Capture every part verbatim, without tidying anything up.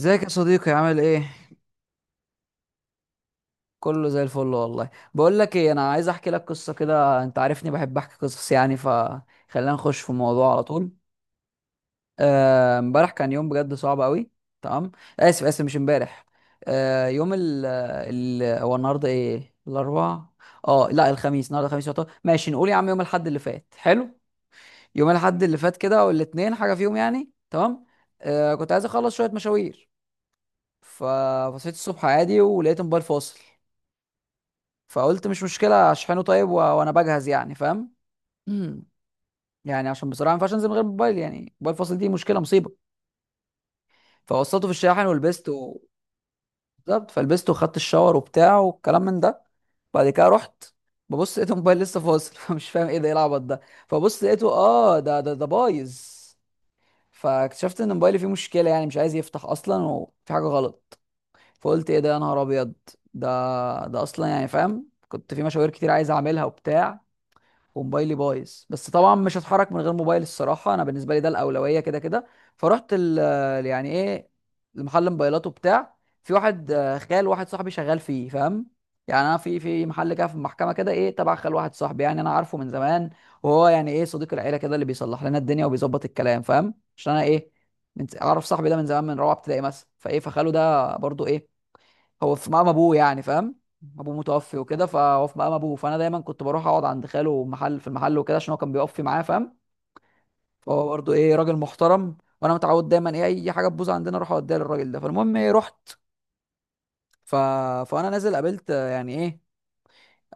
ازيك يا صديقي؟ عامل ايه؟ كله زي الفل. والله بقول لك ايه، انا عايز احكي لك قصه كده. انت عارفني بحب احكي قصص يعني، فخلينا نخش في الموضوع على طول. آه، امبارح كان يوم بجد صعب قوي. تمام. اسف اسف، مش امبارح. آه، يوم ال ال هو النهارده ايه؟ الاربعاء؟ اه لا، الخميس. النهارده الخميس يعتبر، ماشي. نقول يا عم يوم الاحد اللي فات حلو. يوم الاحد اللي فات كده والاثنين حاجه فيهم يعني تمام. آه، كنت عايز اخلص شويه مشاوير. فبصيت الصبح عادي ولقيت موبايل فاصل. فقلت مش مشكله اشحنه، طيب و... وانا بجهز يعني فاهم. مم. يعني عشان بصراحه ما ينفعش انزل من غير موبايل، يعني موبايل فاصل دي مشكله، مصيبه. فوصلته في الشاحن ولبسته و- بالظبط. فلبسته وخدت الشاور وبتاع والكلام من ده. بعد كده رحت ببص لقيت الموبايل لسه فاصل فمش فاهم ايه ده، ايه العبط ده. فبص لقيته، اه ده ده ده بايظ. فاكتشفت ان موبايلي فيه مشكله، يعني مش عايز يفتح اصلا وفي حاجه غلط. فقلت ايه ده يا نهار ابيض. ده ده اصلا يعني فاهم، كنت في مشاوير كتير عايز اعملها وبتاع، وموبايلي بايظ. بس طبعا مش هتحرك من غير موبايل، الصراحه انا بالنسبه لي ده الاولويه كده كده. فرحت ال يعني ايه، لمحل موبايلات وبتاع. في واحد آه، خال واحد صاحبي شغال فيه فاهم. يعني انا في في محل كده في المحكمه كده، ايه، تبع خال واحد صاحبي يعني انا عارفه من زمان. وهو يعني ايه، صديق العيله كده اللي بيصلح لنا الدنيا وبيظبط الكلام فاهم. عشان انا ايه، من اعرف صاحبي ده من زمان، من رابعه ابتدائي مثلا، فايه فخاله ده برضو ايه، هو في مقام ابوه يعني فاهم. ابوه متوفي وكده، فهو في مقام ابوه. فانا دايما كنت بروح اقعد عند خاله محل في المحل وكده عشان هو كان بيقف معاه فاهم. فهو برضه ايه، راجل محترم، وانا متعود دايما ايه اي حاجه تبوظ عندنا اروح اوديها للراجل ده. فالمهم ايه، رحت. ف... فانا نازل قابلت، آه، يعني ايه،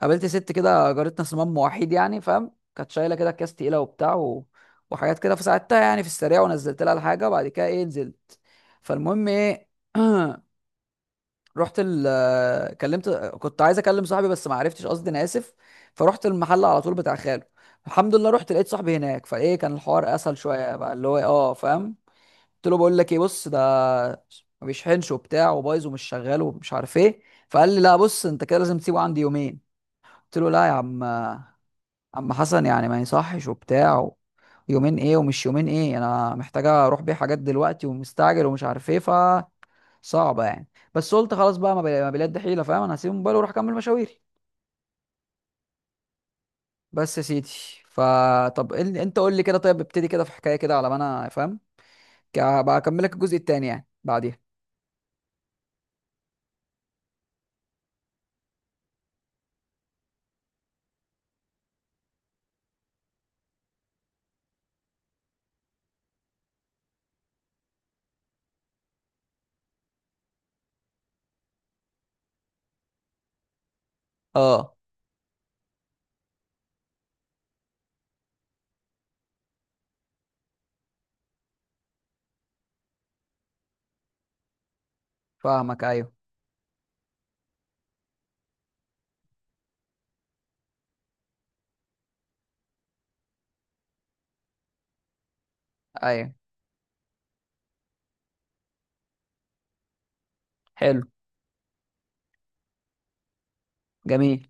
قابلت ست كده، جارتنا صمام وحيد يعني فاهم. كانت شايله كده اكياس تقيله وبتاع و... وحاجات كده، فساعدتها يعني في السريع ونزلت لها الحاجه وبعد كده ايه نزلت. فالمهم ايه، رحت ال آه، كلمت، كنت عايز اكلم صاحبي بس ما عرفتش، قصدي انا اسف. فرحت المحل على طول بتاع خاله. الحمد لله رحت لقيت صاحبي هناك، فايه كان الحوار اسهل شويه بقى، اللي هو إيه، اه فاهم. قلت له بقول لك ايه، بص ده ما بيشحنش وبتاع، وبايظ ومش شغال ومش عارف ايه. فقال لي لا بص، انت كده لازم تسيبه عندي يومين. قلت له لا يا عم، عم حسن يعني ما يصحش وبتاع، يومين ايه ومش يومين ايه، انا محتاجه اروح بيه حاجات دلوقتي، ومستعجل ومش عارف ايه، ف صعبه يعني. بس قلت خلاص بقى، ما بلا- ما بلاد دي حيله فاهم، انا هسيب الموبايل واروح اكمل مشاويري. بس يا سيدي، فطب إن- انت قول لي كده، طيب ابتدي كده في حكايه كده على ما انا فاهم. ك- بقى اكملك الجزء التاني يعني بعديها. اه فاهمك ايوه ايوه. حلو جميل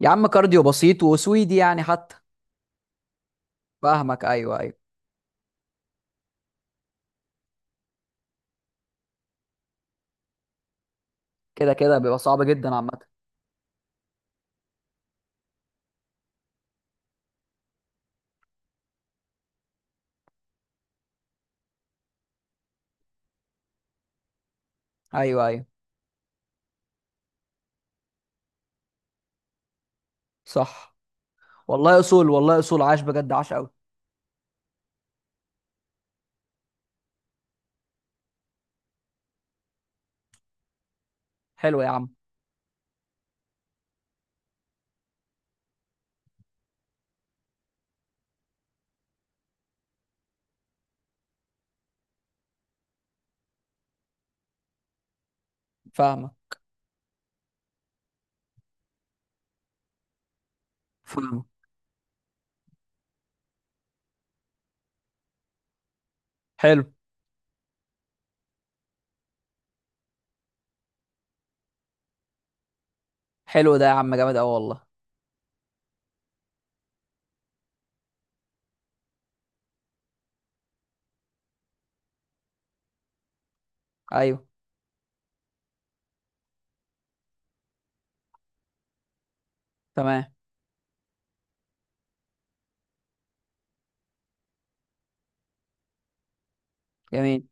يا عم، كارديو بسيط وسويدي يعني حتى. فاهمك ايوه ايوه، كده كده بيبقى صعب جدا عامه. ايوه ايوه. صح. والله اصول، والله اصول، عاش بجد، عاش قوي. حلو يا عم. فاهمك. فاهمك. حلو. حلو ده يا عم، جامد قوي والله. ايوه. تمام. جميل.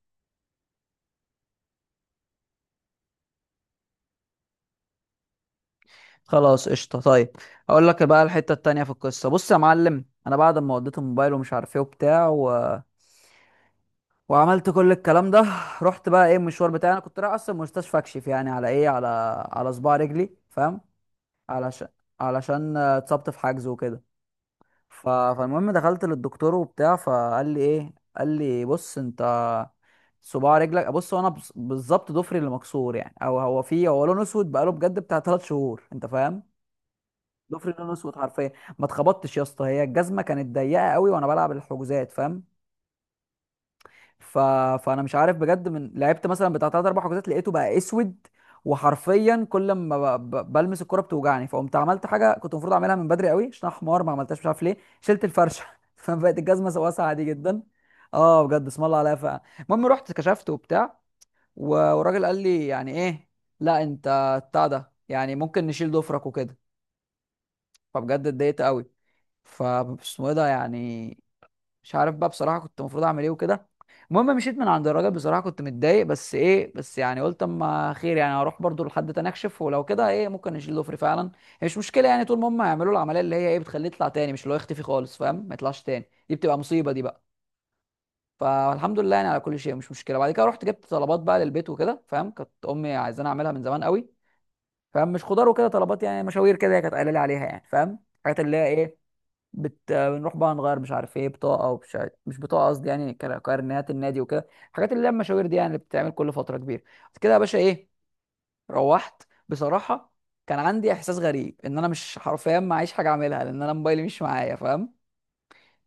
خلاص قشطه طيب. اقول لك بقى الحته التانية في القصه. بص يا معلم، انا بعد ما وديت الموبايل ومش عارف ايه وبتاع و... وعملت كل الكلام ده رحت بقى ايه المشوار بتاعي. انا كنت رايح اصلا مستشفى اكشف يعني على ايه، على على صباع رجلي فاهم. علشان علشان آه، اتصبت في حجز وكده. ف... فالمهم دخلت للدكتور وبتاع، فقال لي ايه، قال لي بص انت، صباع رجلك، بص هو انا بص- بالظبط ضفري اللي مكسور يعني، او هو فيه هو لونه اسود بقاله بجد بتاع ثلاث شهور انت فاهم. ضفري لون اسود حرفيا. ما اتخبطتش يا اسطى، هي الجزمه كانت ضيقه قوي وانا بلعب الحجوزات فاهم. ف... فانا مش عارف بجد، من لعبت مثلا بتاع تلات اربع حجوزات لقيته بقى اسود. وحرفيا كل ما ب... ب... بلمس الكرة بتوجعني. فقمت عملت حاجه كنت المفروض اعملها من بدري قوي، عشان أنا حمار ما عملتهاش مش عارف ليه، شلت الفرشه فبقت الجزمه واسعه عادي جدا. اه بجد اسم الله عليها فعلا. المهم رحت كشفت وبتاع، و- والراجل قال لي يعني ايه، لا انت بتاع ده يعني ممكن نشيل ضفرك وكده. فبجد اتضايقت قوي. فاسمه ايه ده يعني. مش عارف بقى بصراحه كنت المفروض اعمل ايه وكده. المهم مشيت من عند الراجل بصراحه كنت متضايق، بس ايه بس يعني قلت اما خير يعني، هروح برضو لحد تاني اكشف، ولو كده ايه ممكن نشيل ضفري فعلا. هي مش مشكله يعني، طول ما هم يعملوا العمليه اللي هي ايه بتخليه يطلع تاني، مش اللي هو يختفي خالص فاهم، ما يطلعش تاني، دي بتبقى مصيبه دي بقى. فالحمد لله يعني على كل شيء، مش مشكله. بعد كده رحت جبت طلبات بقى للبيت وكده فاهم، كانت امي عايزاني اعملها من زمان قوي فاهم. مش خضار وكده طلبات يعني، مشاوير كده هي كانت قايله لي عليها يعني فاهم، الحاجات اللي هي ايه، بت... بنروح بقى نغير مش عارف ايه، بطاقه ومش عارف... مش بطاقه قصدي يعني، كار- كارنيهات النادي وكده، الحاجات اللي هي المشاوير دي يعني اللي بتتعمل كل فتره كبيره. بعد كده يا باشا ايه، روحت بصراحه كان عندي احساس غريب ان انا مش حرفيا معيش حاجه اعملها لان انا موبايلي مش معايا فاهم.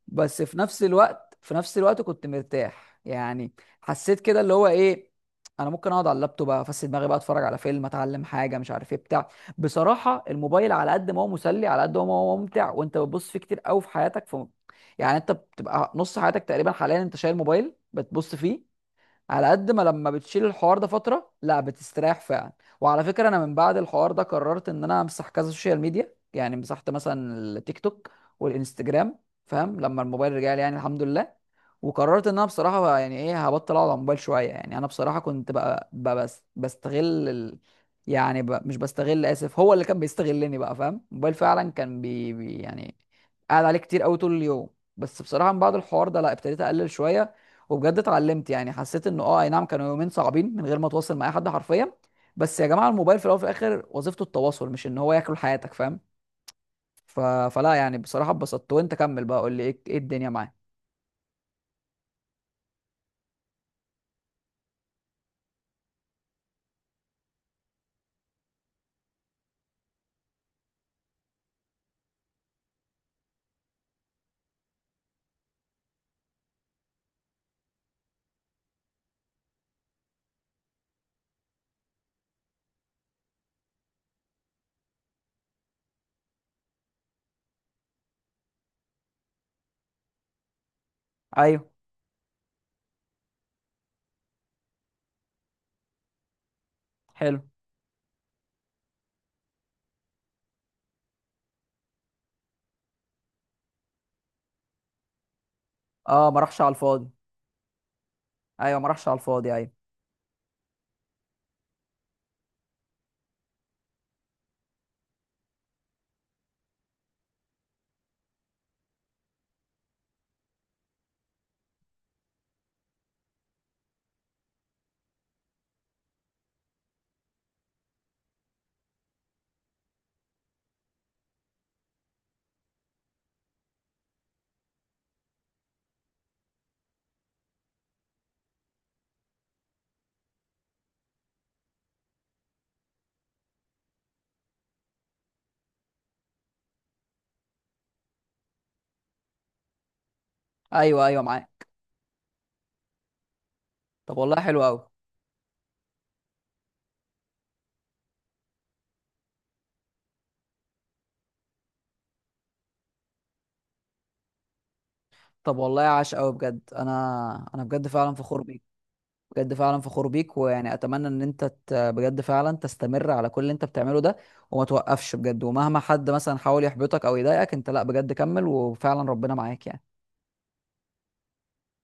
بس في نفس الوقت، في نفس الوقت كنت مرتاح يعني. حسيت كده اللي هو ايه، انا ممكن اقعد على اللابتوب افسد دماغي بقى، اتفرج على فيلم، اتعلم حاجه، مش عارف ايه بتاع. بصراحه الموبايل على قد ما هو مسلي، على قد ما هو ممتع وانت بتبص فيه كتير قوي في حياتك، في يعني انت بتبقى نص حياتك تقريبا حاليا انت شايل موبايل بتبص فيه. على قد ما لما بتشيل الحوار ده فترة، لا بتستريح فعلا. وعلى فكرة انا من بعد الحوار ده قررت ان انا امسح كذا سوشيال ميديا، يعني مسحت مثلا التيك توك والانستجرام فاهم، لما الموبايل رجع لي يعني الحمد لله. وقررت ان انا بصراحة يعني ايه هبطل اقعد على الموبايل شوية. يعني انا بصراحة كنت بقى, بقى بس بستغل ال... يعني ب... مش بستغل اسف، هو اللي كان بيستغلني بقى فاهم. الموبايل فعلا كان بي... بي يعني قاعد عليه كتير قوي طول اليوم. بس بصراحة من بعد الحوار ده لا، ابتديت اقلل شوية. وبجد اتعلمت يعني، حسيت انه اه اي نعم، كانوا يومين صعبين من غير ما اتواصل مع اي حد حرفيا، بس يا جماعه الموبايل في الاول وفي الاخر وظيفته التواصل، مش ان هو ياكل حياتك فاهم. ف... فلا يعني بصراحه اتبسطت. وانت كمل بقى، قول لي ايه، ايه الدنيا معاه. ايوه. حلو. اه ما راحش على الفاضي. ايوه ما راحش على الفاضي. ايوه ايوه ايوه معاه. طب والله حلو قوي. طب والله عاش قوي بجد. انا انا بجد فعلا فخور بيك. بجد فعلا فخور بيك. ويعني اتمنى ان انت ت- بجد فعلا تستمر على كل اللي انت بتعمله ده. وما توقفش بجد، ومهما حد مثلا حاول يحبطك او يضايقك، انت لا بجد كمل وفعلا ربنا معاك يعني.